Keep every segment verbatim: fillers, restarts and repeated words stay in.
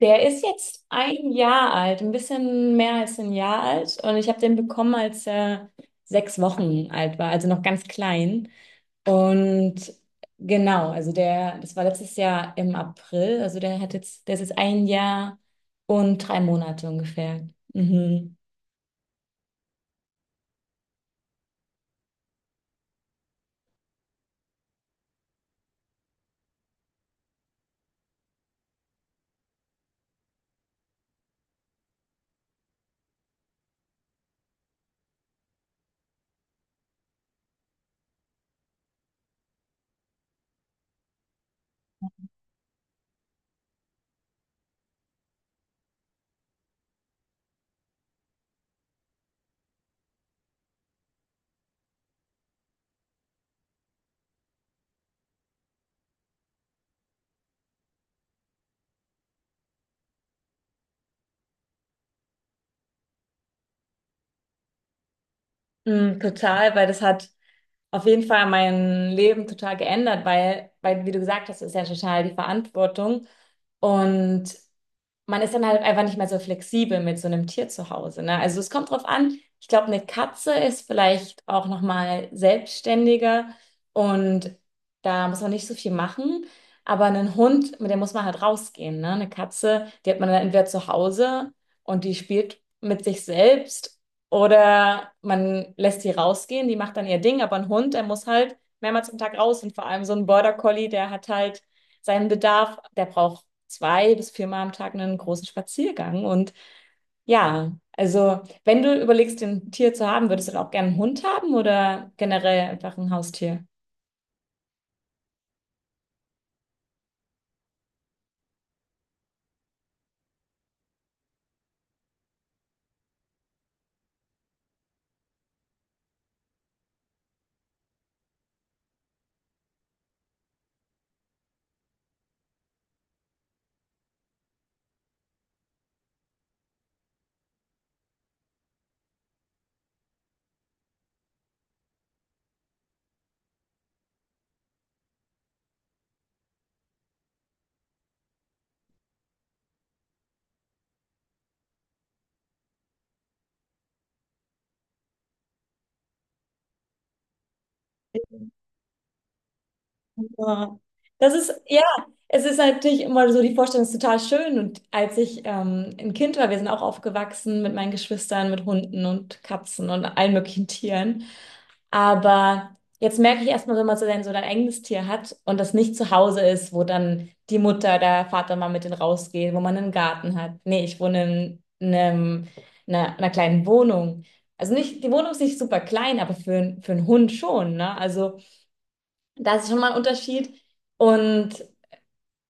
Der ist jetzt ein Jahr alt, ein bisschen mehr als ein Jahr alt. Und ich habe den bekommen, als er sechs Wochen alt war, also noch ganz klein. Und genau, also der, das war letztes Jahr im April. Also der hat jetzt, der ist jetzt ein Jahr und drei Monate ungefähr. Mhm. Mm, total, weil das hat auf jeden Fall mein Leben total geändert, weil, weil, wie du gesagt hast, ist ja total die Verantwortung. Und man ist dann halt einfach nicht mehr so flexibel mit so einem Tier zu Hause, ne? Also es kommt drauf an. Ich glaube, eine Katze ist vielleicht auch noch mal selbstständiger und da muss man nicht so viel machen. Aber einen Hund, mit dem muss man halt rausgehen, ne? Eine Katze, die hat man dann entweder zu Hause und die spielt mit sich selbst oder man lässt sie rausgehen, die macht dann ihr Ding. Aber ein Hund, der muss halt mehrmals am Tag raus und vor allem so ein Border Collie, der hat halt seinen Bedarf, der braucht zwei bis vier Mal am Tag einen großen Spaziergang. Und ja, also wenn du überlegst, ein Tier zu haben, würdest du dann auch gerne einen Hund haben oder generell einfach ein Haustier? Ja. Das ist, ja, es ist natürlich immer so, die Vorstellung ist total schön. Und als ich ähm, ein Kind war, wir sind auch aufgewachsen mit meinen Geschwistern, mit Hunden und Katzen und allen möglichen Tieren. Aber jetzt merke ich erstmal, wenn man so sein, so dein eigenes Tier hat und das nicht zu Hause ist, wo dann die Mutter, der Vater mal mit denen rausgeht, wo man einen Garten hat. Nee, ich wohne in, einem, einer, einer kleinen Wohnung. Also nicht, die Wohnung ist nicht super klein, aber für, einen- für einen Hund schon, ne? Also da ist schon mal ein Unterschied. Und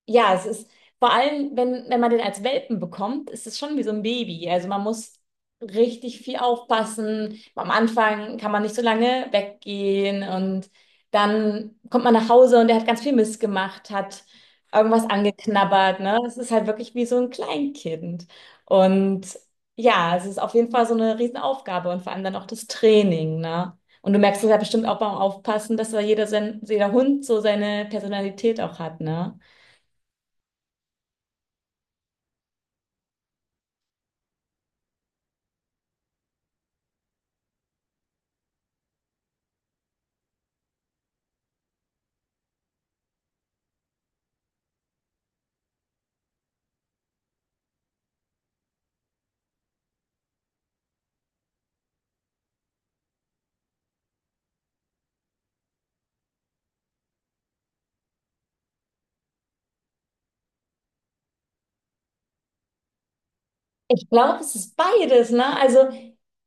ja, es ist vor allem, wenn, wenn man den als Welpen bekommt, ist es schon wie so ein Baby. Also man muss richtig viel aufpassen. Am Anfang kann man nicht so lange weggehen und dann kommt man nach Hause und der hat ganz viel Mist gemacht, hat irgendwas angeknabbert, ne? Es ist halt wirklich wie so ein Kleinkind. Und ja, es ist auf jeden Fall so eine Riesenaufgabe und vor allem dann auch das Training, ne? Und du merkst es ja bestimmt auch beim Aufpassen, dass da jeder, sein, jeder Hund so seine Personalität auch hat, ne? Ich glaube, es ist beides, ne? Also,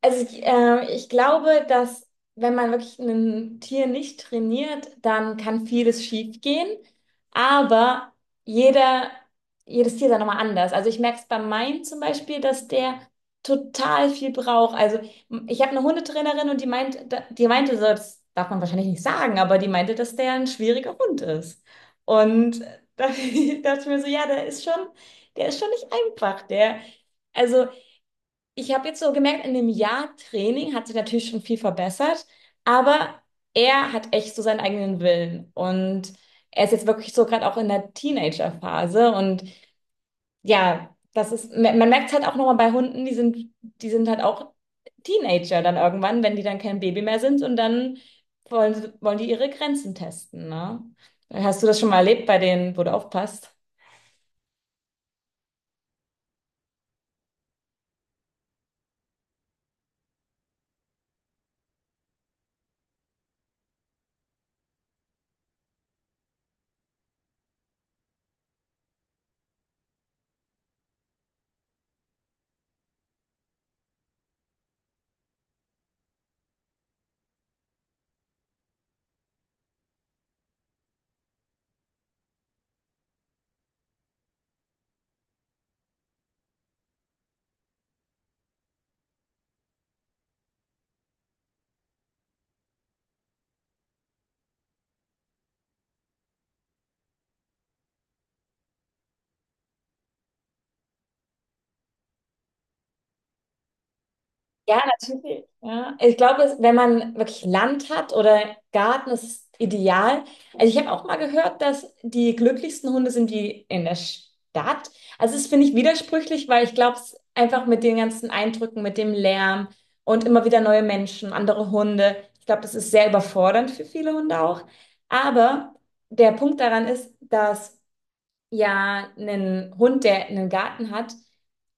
also ich, äh, ich glaube, dass wenn man wirklich ein Tier nicht trainiert, dann kann vieles schief gehen. Aber jeder, jedes Tier ist ja nochmal anders. Also ich merke es bei meinem zum Beispiel, dass der total viel braucht. Also m- ich habe eine Hundetrainerin und die meint, da- die meinte so, das darf man wahrscheinlich nicht sagen, aber die meinte, dass der ein schwieriger Hund ist. Und da dachte ich mir so, ja, der ist schon, der ist schon nicht einfach. Der also, ich habe jetzt so gemerkt, in dem Jahr Training hat sich natürlich schon viel verbessert, aber er hat echt so seinen eigenen Willen und er ist jetzt wirklich so gerade auch in der Teenagerphase und ja, das ist, man man merkt es halt auch nochmal bei Hunden, die sind, die sind halt auch Teenager dann irgendwann, wenn die dann kein Baby mehr sind und dann wollen, sie- wollen die ihre Grenzen testen, ne? Hast du das schon mal erlebt bei denen, wo du aufpasst? Ja, natürlich. Ja. Ich glaube, es- wenn man wirklich Land hat oder Garten, das ist es ideal. Also ich habe auch mal gehört, dass die glücklichsten Hunde sind die in der Stadt. Also es finde ich widersprüchlich, weil ich glaube, es einfach mit den ganzen Eindrücken, mit dem Lärm und immer wieder neue Menschen, andere Hunde. Ich glaube, das ist sehr überfordernd für viele Hunde auch. Aber der Punkt daran ist, dass ja einen Hund, der einen Garten hat,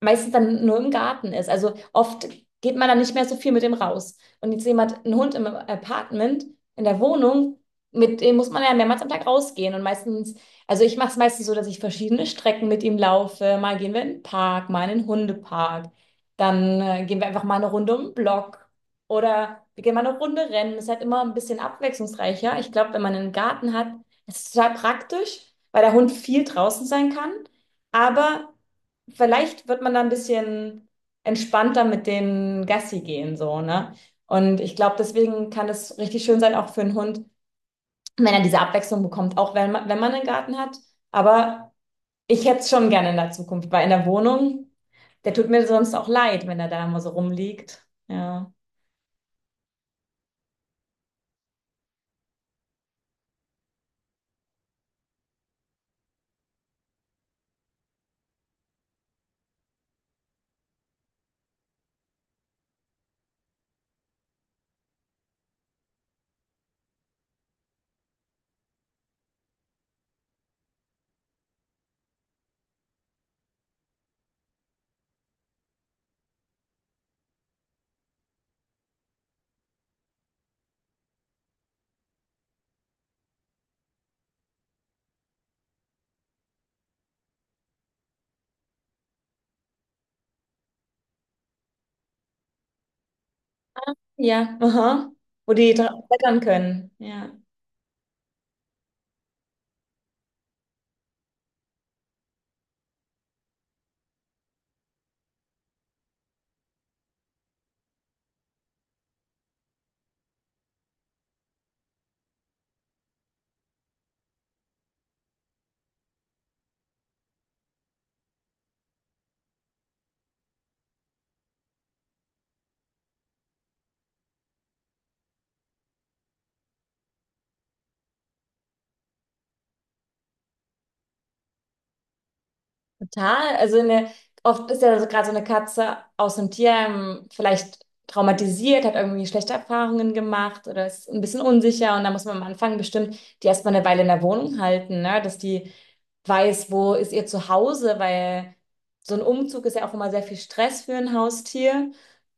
meistens dann nur im Garten ist. Also oft geht man dann nicht mehr so viel mit dem raus. Und jetzt jemand, einen Hund im Apartment, in der Wohnung, mit dem muss man ja mehrmals am Tag rausgehen. Und meistens, also ich mache es meistens so, dass ich verschiedene Strecken mit ihm laufe. Mal gehen wir in den Park, mal in den Hundepark. Dann äh, gehen wir einfach mal eine Runde um den Block. Oder wir gehen mal eine Runde rennen. Das ist halt immer ein bisschen abwechslungsreicher. Ich glaube, wenn man einen Garten hat, das ist total praktisch, weil der Hund viel draußen sein kann. Aber vielleicht wird man da ein bisschen entspannter mit den Gassi gehen, so, ne? Und ich glaube, deswegen kann es richtig schön sein, auch für einen Hund, wenn er diese Abwechslung bekommt, auch wenn man, wenn man einen Garten hat. Aber ich hätte es schon gerne in der Zukunft, weil in der Wohnung, der tut mir sonst auch leid, wenn er da immer so rumliegt. Ja. Ja, aha. Wo die dra- klettern können. Ja. Total. Also eine, oft ist ja so gerade so eine Katze aus einem Tierheim vielleicht traumatisiert, hat irgendwie schlechte Erfahrungen gemacht oder ist ein bisschen unsicher und da muss man am Anfang bestimmt die erstmal eine Weile in der Wohnung halten, ne? Dass die weiß, wo ist ihr Zuhause, weil so ein Umzug ist ja auch immer sehr viel Stress für ein Haustier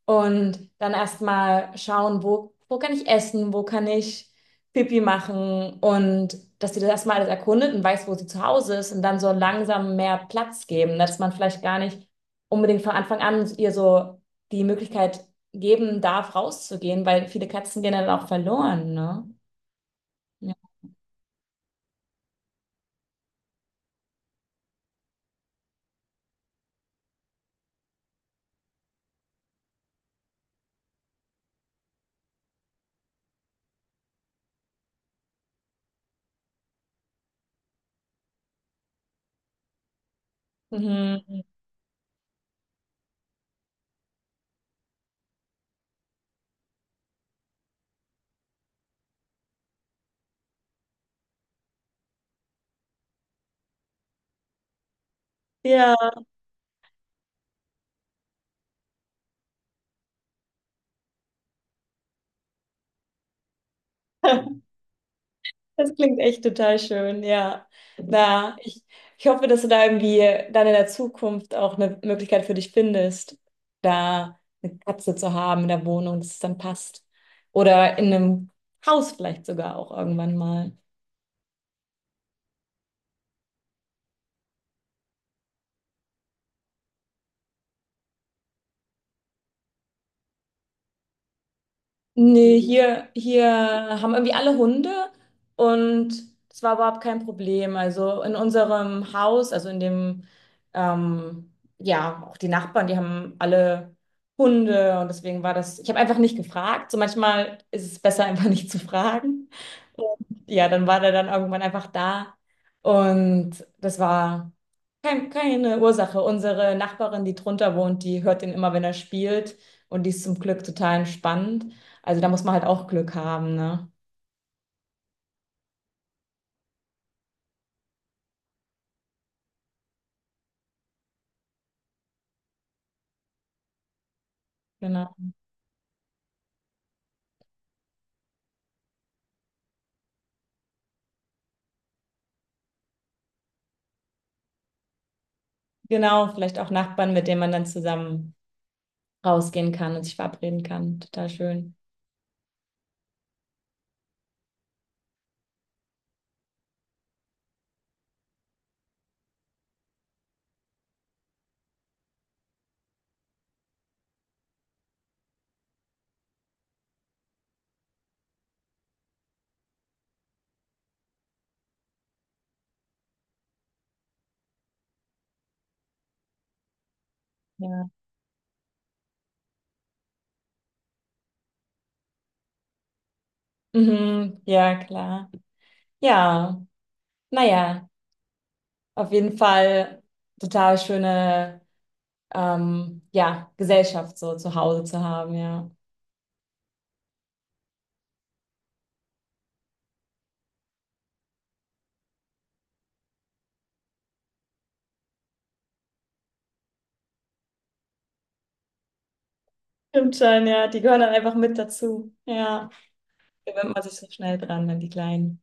und dann erstmal schauen, wo, wo kann ich essen, wo kann ich Pipi machen und dass sie das erstmal alles erkundet und weiß, wo sie zu Hause ist und dann so langsam mehr Platz geben, dass man vielleicht gar nicht unbedingt von Anfang an ihr so die Möglichkeit geben darf, rauszugehen, weil viele Katzen gehen dann auch verloren, ne? Ja. Mhm. Ja. Das klingt echt total schön, ja. Na, ich, ich hoffe, dass du da irgendwie dann in der Zukunft auch eine Möglichkeit für dich findest, da eine Katze zu haben in der Wohnung, dass es dann passt. Oder in einem Haus vielleicht sogar auch irgendwann mal. Nee, hier, hier haben irgendwie alle Hunde und das war überhaupt kein Problem. Also in unserem Haus, also in dem, ähm, ja, auch die Nachbarn, die haben alle Hunde und deswegen war das, ich habe einfach nicht gefragt. So manchmal ist es besser, einfach nicht zu fragen. Und ja, dann war der dann irgendwann einfach da und das war. Kein, keine Ursache. Unsere Nachbarin, die drunter wohnt, die hört ihn immer, wenn er spielt. Und die ist zum Glück total entspannt. Also da muss man halt auch Glück haben, ne? Genau. Genau, vielleicht auch Nachbarn, mit denen man dann zusammen rausgehen kann und sich verabreden kann. Total schön. Ja. Mhm, ja, klar. Ja, naja, auf jeden Fall total schöne ähm, ja, Gesellschaft so zu Hause zu haben, ja. Stimmt schon, ja. Die gehören dann einfach mit dazu. Ja. gewöhnt man sich so schnell dran an die kleinen